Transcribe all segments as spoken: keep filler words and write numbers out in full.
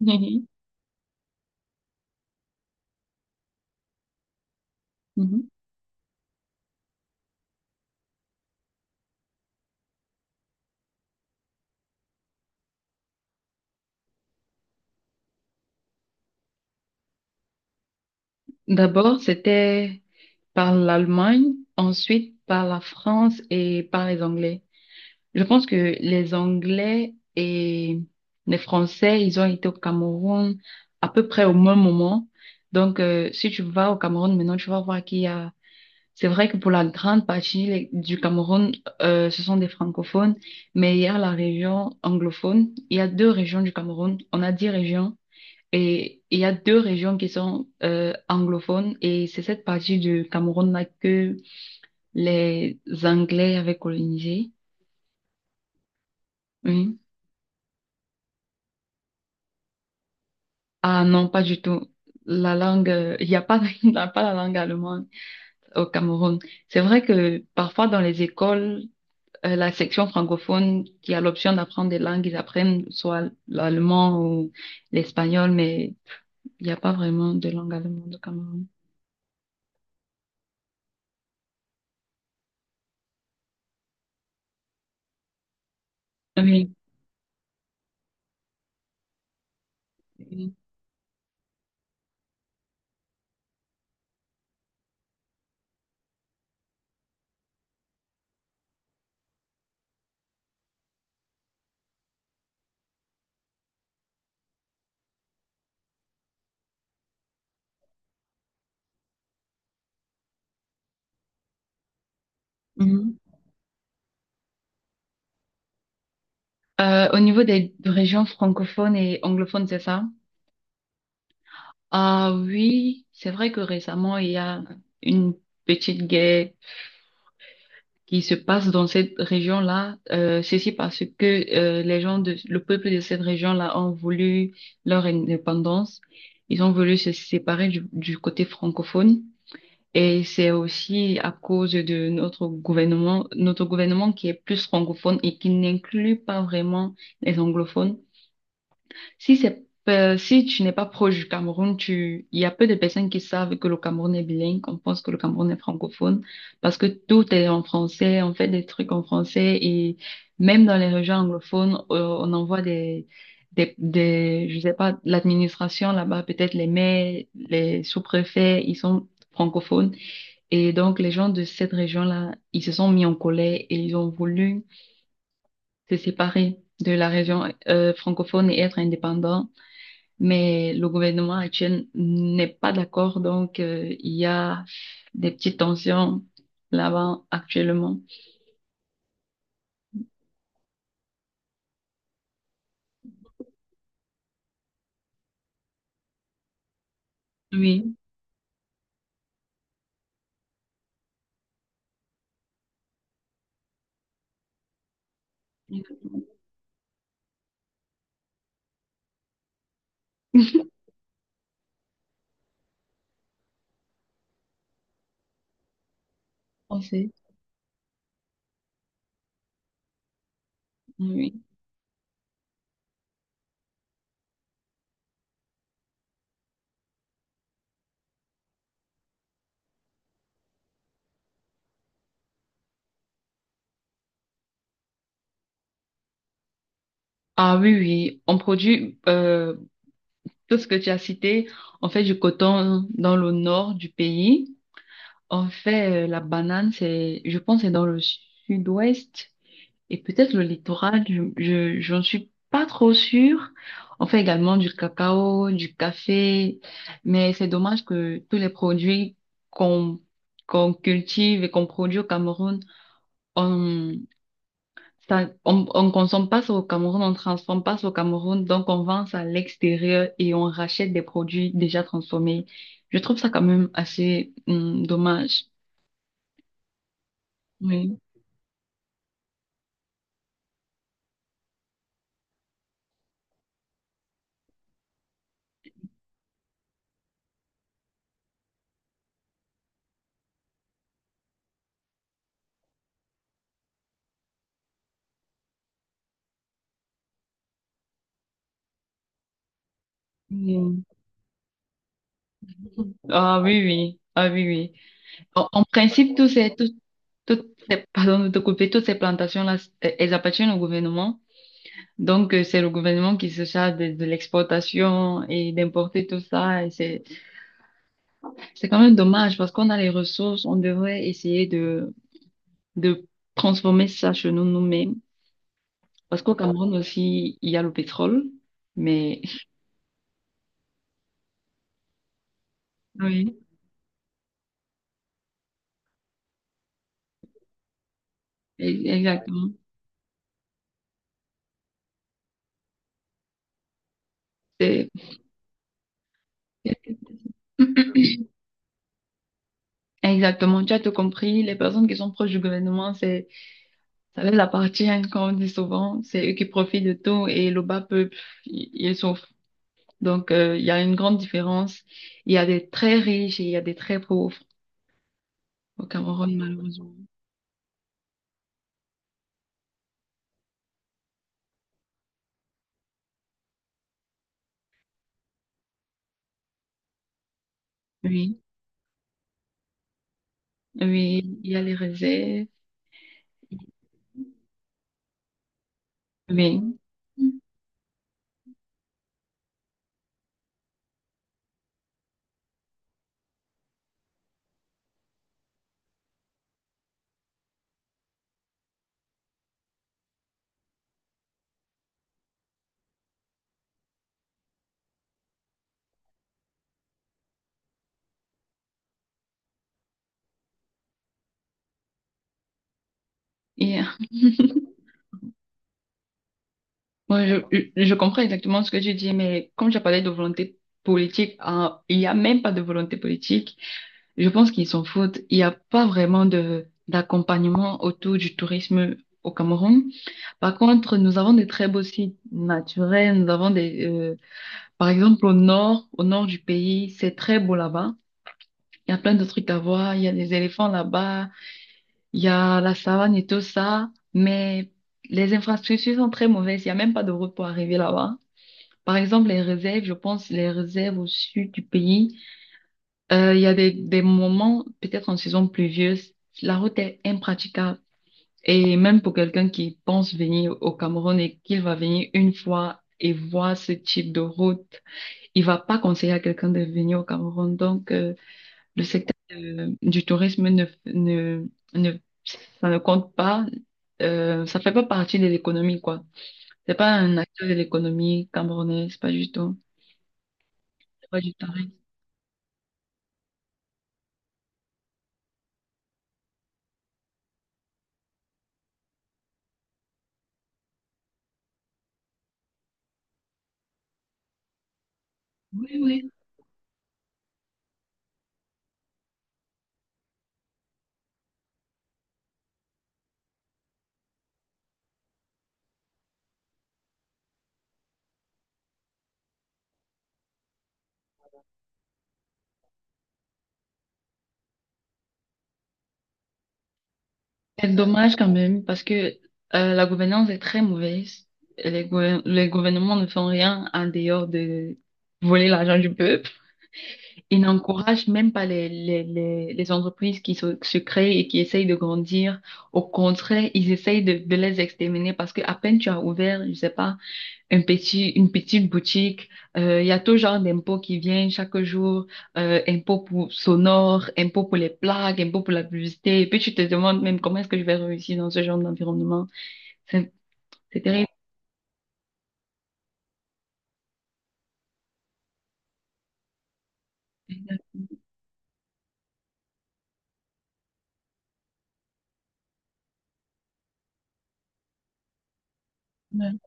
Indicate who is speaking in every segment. Speaker 1: Mhm. Mhm. D'abord, c'était par l'Allemagne, ensuite par la France et par les Anglais. Je pense que les Anglais et les Français, ils ont été au Cameroun à peu près au même moment. Donc, euh, si tu vas au Cameroun maintenant, tu vas voir qu'il y a... C'est vrai que pour la grande partie les- du Cameroun, euh, ce sont des francophones, mais il y a la région anglophone. Il y a deux régions du Cameroun. On a dix régions. Et il y a deux régions qui sont euh, anglophones et c'est cette partie du Cameroun là que les Anglais avaient colonisé. Oui. Ah non, pas du tout. La langue, euh, il n'y a pas, il n'y a pas la langue allemande au Cameroun. C'est vrai que parfois dans les écoles, euh, la section francophone qui a l'option d'apprendre des langues, ils apprennent soit l'allemand ou l'espagnol, mais il n'y a pas vraiment de langue allemande au Cameroun. Oui. Oui. Mhm. Euh, au niveau des régions francophones et anglophones, c'est ça? Ah oui, c'est vrai que récemment, il y a une petite guerre qui se passe dans cette région-là. Euh, ceci parce que euh, les gens de, le peuple de cette région-là ont voulu leur indépendance. Ils ont voulu se séparer du, du côté francophone. Et c'est aussi à cause de notre gouvernement, notre gouvernement qui est plus francophone et qui n'inclut pas vraiment les anglophones. Si c'est, euh, si tu n'es pas proche du Cameroun, tu, il y a peu de personnes qui savent que le Cameroun est bilingue. On pense que le Cameroun est francophone parce que tout est en français. On fait des trucs en français et même dans les régions anglophones, euh, on envoie des, des, des, je sais pas, l'administration là-bas, peut-être les maires, les sous-préfets, ils sont francophones. Et donc, les gens de cette région-là, ils se sont mis en colère et ils ont voulu se séparer de la région, euh, francophone et être indépendants, mais le gouvernement actuel n'est pas d'accord, donc euh, il y a des petites tensions là-bas actuellement. Oui, exactement. On sait. Oui. Ah oui, oui, on produit euh, tout ce que tu as cité. On fait du coton dans le nord du pays. On fait euh, la banane, c'est, je pense, que c'est dans le sud-ouest. Et peut-être le littoral, je, je, j'en suis pas trop sûre. On fait également du cacao, du café, mais c'est dommage que tous les produits qu'on qu'on cultive et qu'on produit au Cameroun, on ça, on, on consomme pas ça au Cameroun, on transforme pas ça au Cameroun, donc on vend ça à l'extérieur et on rachète des produits déjà transformés. Je trouve ça quand même assez hum, dommage. Oui. Oui. Ah oui, oui. Ah oui, oui. En, en principe, tous ces, tous- toutes ces- pardon de te couper, toutes ces plantations-là, c'est- elles appartiennent au gouvernement. Donc, euh, c'est le gouvernement qui se charge de, de l'exportation et d'importer tout ça. Et c'est, c'est quand même dommage parce qu'on a les ressources. On devrait essayer de, de transformer ça chez nous nous-mêmes. Parce qu'au Cameroun aussi, il y a le pétrole. Mais oui, e- exactement. C'est- Exactement, tu as tout compris. Les personnes qui sont proches du gouvernement, c'est ça les appartient, comme on dit souvent. C'est eux qui profitent de tout et le bas peuple, i- ils souffrent. Donc, euh, il y a une grande différence. Il y a des très riches et il y a des très pauvres au Cameroun, malheureusement. Oui, oui, il y a les réserves. Oui. Et, euh, moi, je, je je comprends exactement ce que tu dis, mais comme j'ai parlé de volonté politique, hein, il n'y a même pas de volonté politique. Je pense qu'ils s'en foutent. Il n'y a pas vraiment de d'accompagnement autour du tourisme au Cameroun. Par contre, nous avons des très beaux sites naturels. Nous avons des, euh, par exemple, au nord, au nord du pays, c'est très beau là-bas. Il y a plein de trucs à voir. Il y a des éléphants là-bas. Il y a la savane et tout ça. Mais les infrastructures sont très mauvaises. Il n'y a même pas de route pour arriver là-bas. Par exemple, les réserves, je pense, les réserves au sud du pays, euh, il y a des, des moments, peut-être en saison pluvieuse, la route est impraticable. Et même pour quelqu'un qui pense venir au Cameroun et qu'il va venir une fois et voir ce type de route, il va pas conseiller à quelqu'un de venir au Cameroun. Donc, euh, le secteur euh, du tourisme ne, ne, ne, ça ne compte pas. Euh, ça fait pas partie de l'économie, quoi. C'est pas un acteur de l'économie camerounaise, pas du tout. C'est pas du tourisme. Oui, oui. C'est dommage quand même parce que euh, la gouvernance est très mauvaise. Et Les, gouver- les gouvernements ne font rien en dehors de voler l'argent du peuple. Ils n'encouragent même pas les, les, les, les entreprises qui se, se créent et qui essayent de grandir. Au contraire, ils essayent de, de les exterminer parce que à peine tu as ouvert, je sais pas, un petit, une petite boutique. Euh, Il y a tout genre d'impôts qui viennent chaque jour. Euh, impôts pour sonore, impôts pour les plaques, impôts pour la publicité. Et puis tu te demandes même comment est-ce que je vais réussir dans ce genre d'environnement. C'est c'est terrible. Ouais.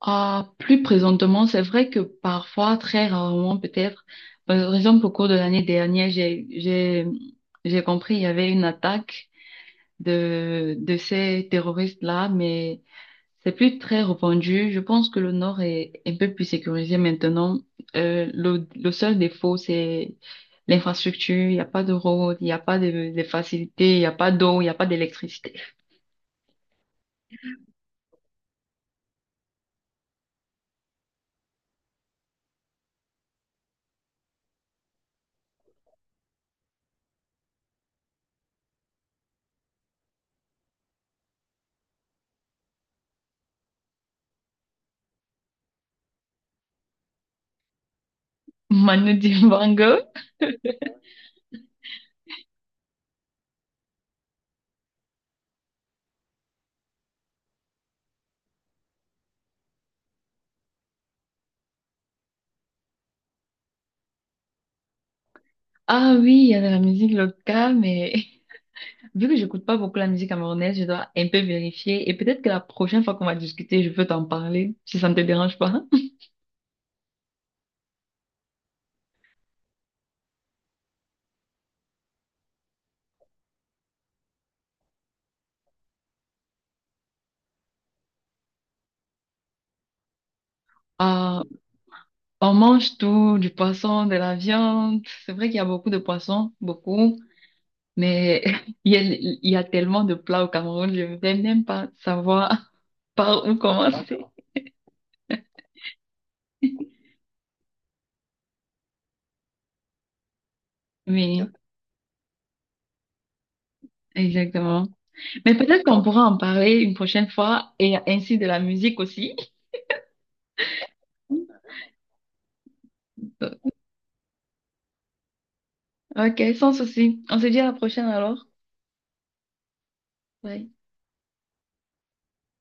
Speaker 1: Ah, plus présentement, c'est vrai que parfois, très rarement peut-être, euh, par exemple au cours de l'année dernière, j'ai, j'ai, j'ai compris il y avait une attaque de, de ces terroristes-là, mais c'est plus très répandu. Je pense que le Nord est un peu plus sécurisé maintenant. Euh, le, le seul défaut, c'est l'infrastructure. Il n'y a pas de route, il n'y a pas de, de facilités, il n'y a pas d'eau, il n'y a pas d'électricité. Manu Dibango. Ah oui, il y a de la musique locale, mais vu que j'écoute pas beaucoup la musique camerounaise, je dois un peu vérifier. Et peut-être que la prochaine fois qu'on va discuter, je peux t'en parler, si ça ne te dérange pas. Ah, on mange tout, du poisson, de la viande. C'est vrai qu'il y a beaucoup de poissons, beaucoup. Mais il y a, il y a tellement de plats au Cameroun, je ne vais même pas savoir par où commencer. D'accord. Mais exactement. Mais peut-être qu'on pourra en parler une prochaine fois et ainsi de la musique aussi. Ok, sans souci. On se dit à la prochaine alors. Bye.